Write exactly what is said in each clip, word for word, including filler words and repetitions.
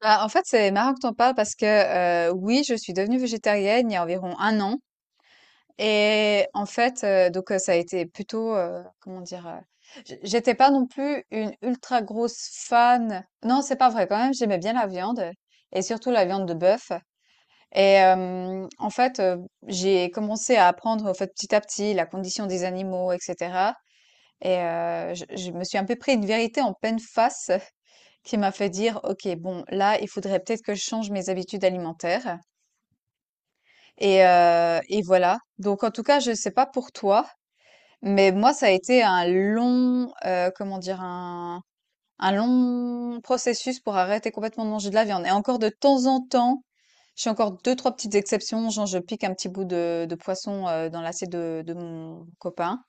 Bah, en fait, c'est marrant que tu en parles parce que euh, oui, je suis devenue végétarienne il y a environ un an. Et en fait, euh, donc euh, ça a été plutôt, euh, comment dire, euh, j- j'étais pas non plus une ultra grosse fan. Non, c'est pas vrai quand même, j'aimais bien la viande et surtout la viande de bœuf. Et euh, en fait, euh, j'ai commencé à apprendre en fait, petit à petit la condition des animaux, et cetera. Et euh, je, je me suis un peu pris une vérité en pleine face qui m'a fait dire: «OK, bon, là, il faudrait peut-être que je change mes habitudes alimentaires» et heu et voilà. Donc en tout cas, je ne sais pas pour toi, mais moi, ça a été un long, heu, comment dire? Un un long processus pour arrêter complètement de manger de la viande et encore de temps en temps, je fais encore deux trois petites exceptions, genre je pique un petit bout de de poisson, heu, dans l'assiette de de mon copain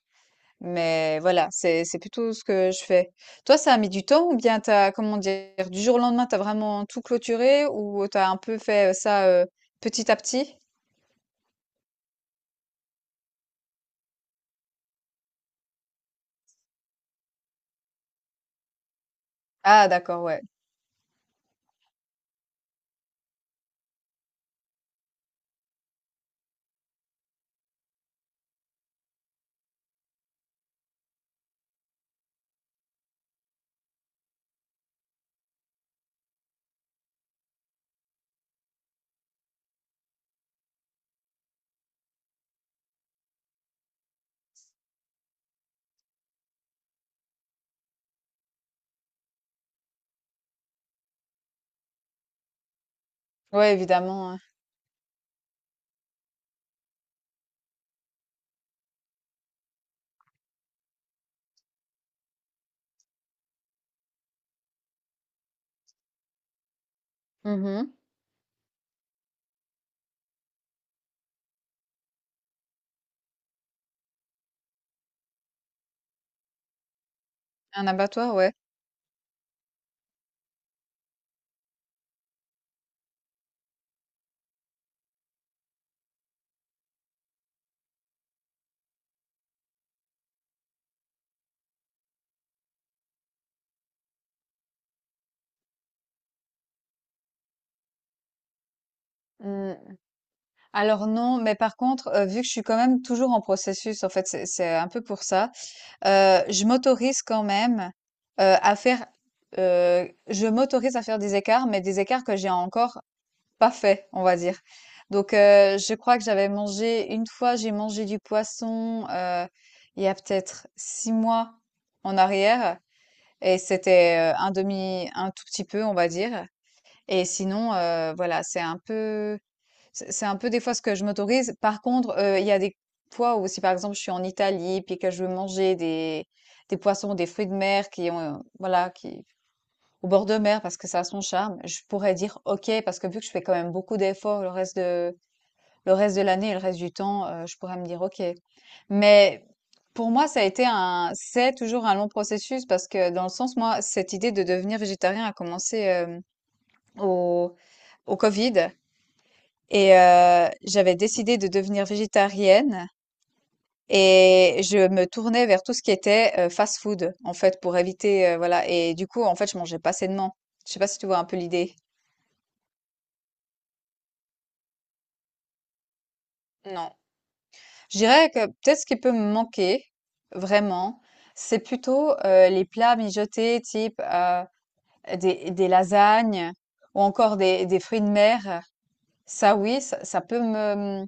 mais voilà, c'est c'est plutôt ce que je fais. Toi, ça a mis du temps ou bien t'as, comment dire, du jour au lendemain, t'as vraiment tout clôturé ou t'as un peu fait euh, ça euh, petit à petit? Ah, d'accord, ouais. Ouais, évidemment, hein. Mhm. Un abattoir, ouais. Hmm. Alors non, mais par contre, euh, vu que je suis quand même toujours en processus, en fait, c'est c'est un peu pour ça, euh, je m'autorise quand même euh, à faire, euh, je m'autorise à faire des écarts, mais des écarts que j'ai encore pas fait, on va dire. Donc, euh, je crois que j'avais mangé, une fois, j'ai mangé du poisson euh, il y a peut-être six mois en arrière. Et c'était euh, un demi, un tout petit peu, on va dire. Et sinon, euh, voilà, c'est un peu, c'est c'est un peu des fois ce que je m'autorise. Par contre, euh, il y a des fois où si par exemple je suis en Italie puis que je veux manger des, des poissons, des fruits de mer qui ont, euh, voilà, qui, au bord de mer parce que ça a son charme. Je pourrais dire OK parce que vu que je fais quand même beaucoup d'efforts le reste de le reste de l'année et le reste du temps, euh, je pourrais me dire OK. Mais pour moi, ça a été un c'est toujours un long processus parce que dans le sens moi, cette idée de devenir végétarien a commencé euh, au au Covid et euh, j'avais décidé de devenir végétarienne. Et je me tournais vers tout ce qui était euh, fast-food, en fait, pour éviter, euh, voilà. Et du coup, en fait, je mangeais pas sainement. Je sais pas si tu vois un peu l'idée. Non. Je dirais que peut-être ce qui peut me manquer, vraiment, c'est plutôt euh, les plats mijotés type euh, des, des lasagnes ou encore des, des fruits de mer. Ça, oui, ça, ça peut me,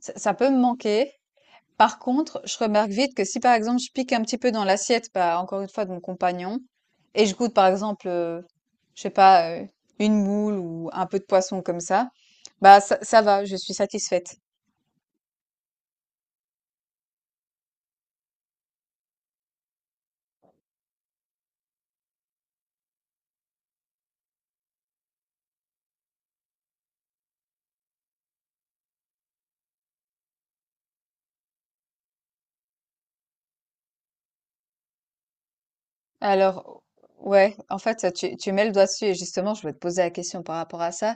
ça, ça peut me manquer. Par contre, je remarque vite que si par exemple je pique un petit peu dans l'assiette, bah, encore une fois de mon compagnon, et je goûte par exemple, euh, je sais pas, euh, une moule ou un peu de poisson comme ça, bah ça, ça va, je suis satisfaite. Alors, ouais, en fait, tu, tu mets le doigt dessus et justement, je voulais te poser la question par rapport à ça.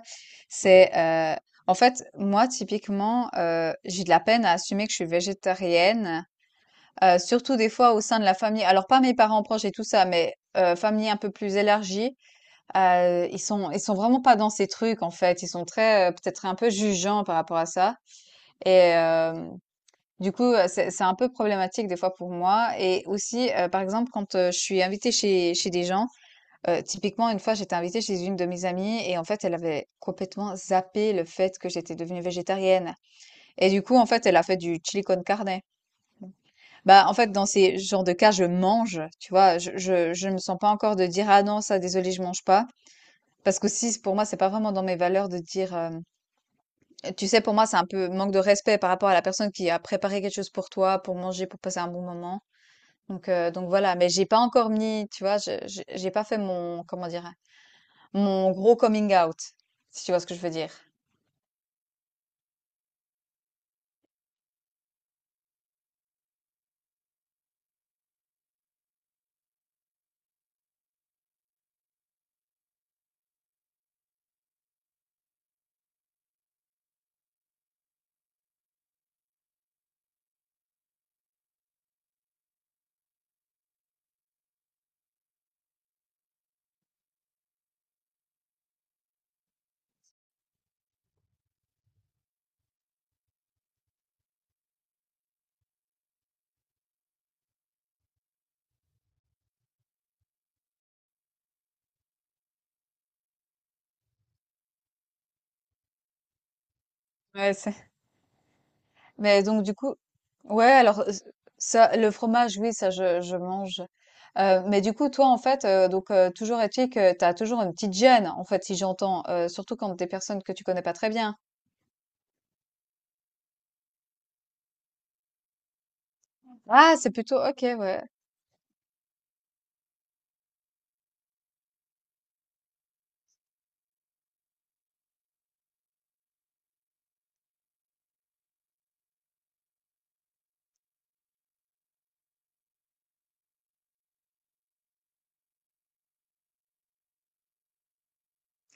C'est, euh, en fait, moi, typiquement, euh, j'ai de la peine à assumer que je suis végétarienne. Heu, surtout des fois au sein de la famille, alors pas mes parents proches et tout ça, mais heu, famille un peu plus élargie, heu, ils sont ils sont vraiment pas dans ces trucs en fait. Ils sont très, heu, peut-être un peu jugeants par rapport à ça et hem, du coup, heu, c'est c'est un peu problématique des fois pour moi et aussi, heu, par exemple quand, heu, je suis invitée chez chez des gens, heu, typiquement une fois j'étais invitée chez une de mes amies et en fait elle avait complètement zappé le fait que j'étais devenue végétarienne et du coup en fait elle a fait du chili con carne. Bah, en fait, dans ces genres de cas, je mange, tu vois. Je, je, je me sens pas encore de dire, ah non, ça, désolé, je mange pas. Parce que si, pour moi, c'est pas vraiment dans mes valeurs de dire, euh, tu sais, pour moi, c'est un peu manque de respect par rapport à la personne qui a préparé quelque chose pour toi, pour manger, pour passer un bon moment. Donc, euh, donc voilà. Mais j'ai pas encore mis, tu vois, je- je- j'ai pas fait mon, comment dire, mon gros coming out, si tu vois ce que je veux dire. Ouais, mais donc du coup, ouais, alors euh, ça, le fromage, oui, ça je, je mange. Euh, mais du coup, toi, en fait, euh, donc euh, toujours est-il que tu as toujours une petite gêne, en fait, si j'entends, euh, surtout quand des personnes que tu connais pas très bien. Ah, c'est plutôt ok, ouais,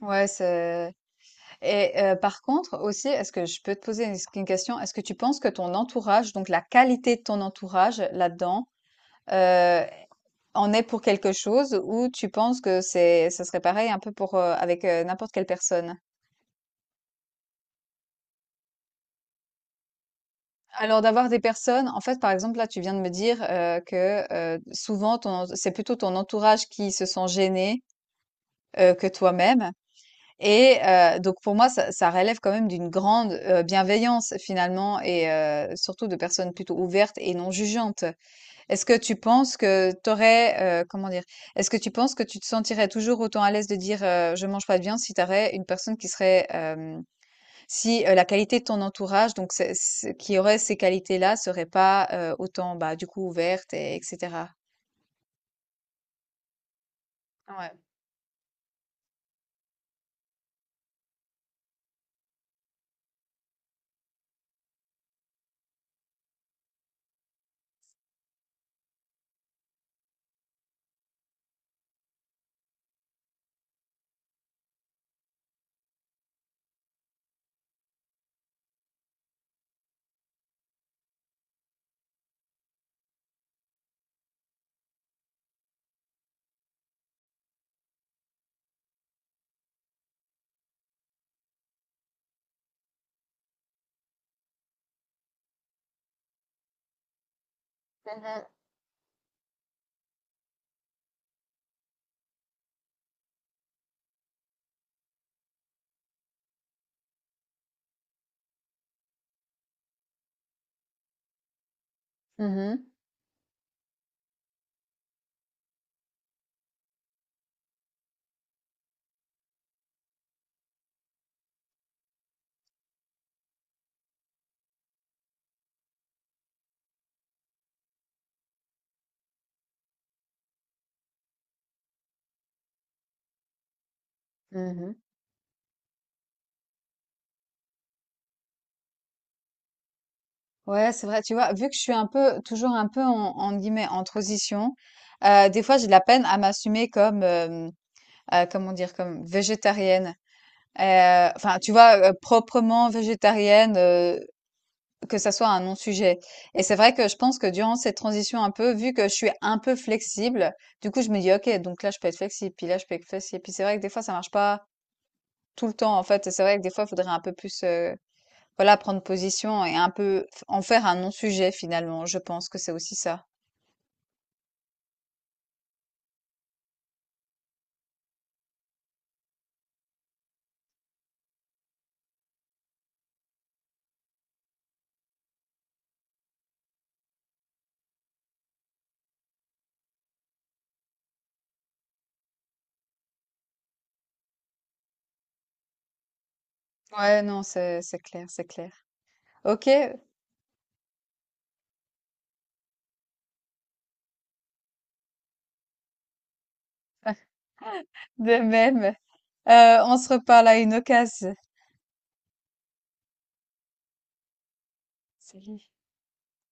ouais, c'est. Et euh, par contre, aussi, est-ce que je peux te poser une, une question? Est-ce que tu penses que ton entourage, donc la qualité de ton entourage là-dedans, euh, en est pour quelque chose, ou tu penses que c'est, ça serait pareil un peu pour euh, avec euh, n'importe quelle personne? Alors d'avoir des personnes, en fait, par exemple, là, tu viens de me dire euh, que euh, souvent, ton, c'est plutôt ton entourage qui se sent gêné euh, que toi-même. Et euh, donc pour moi, ça, ça relève quand même d'une grande euh, bienveillance finalement, et euh, surtout de personnes plutôt ouvertes et non jugeantes. Est-ce que tu penses que t'aurais, euh, comment dire, est-ce que tu penses que tu te sentirais toujours autant à l'aise de dire euh, je mange pas de viande si t'aurais une personne qui serait euh, si, heu, la qualité de ton entourage, donc c'est ce qui aurait ces qualités-là serait pas, heu, autant, bah, du coup ouverte et et Ouais. Mmh mh. Mmh Ouais, c'est vrai, tu vois? Vu que je suis un peu toujours un peu en entre guillemets «en transition», heu, des fois j'ai de la peine à m'assumer comme, hem, heu, comment dire? Comme végétarienne. Heu, enfin, tu vois, heu, proprement végétarienne, euh, Que ça soit un non-sujet et c'est vrai que je pense que durant cette transition un peu, vu que je suis un peu flexible, du coup, je me dis: «OK, donc là, je peux être flexible, puis là, je peux être flexible». Puis c'est vrai que des fois, ça marche pas tout le temps, en fait et c'est vrai que des fois, il faudrait un peu plus, heu, voilà, prendre position et un peu f en faire un non-sujet finalement. Je pense que c'est aussi ça. Ouais, non, c'est c'est clair, c'est clair. OK, de même. Heu, on se reparle à une occasion. Salut.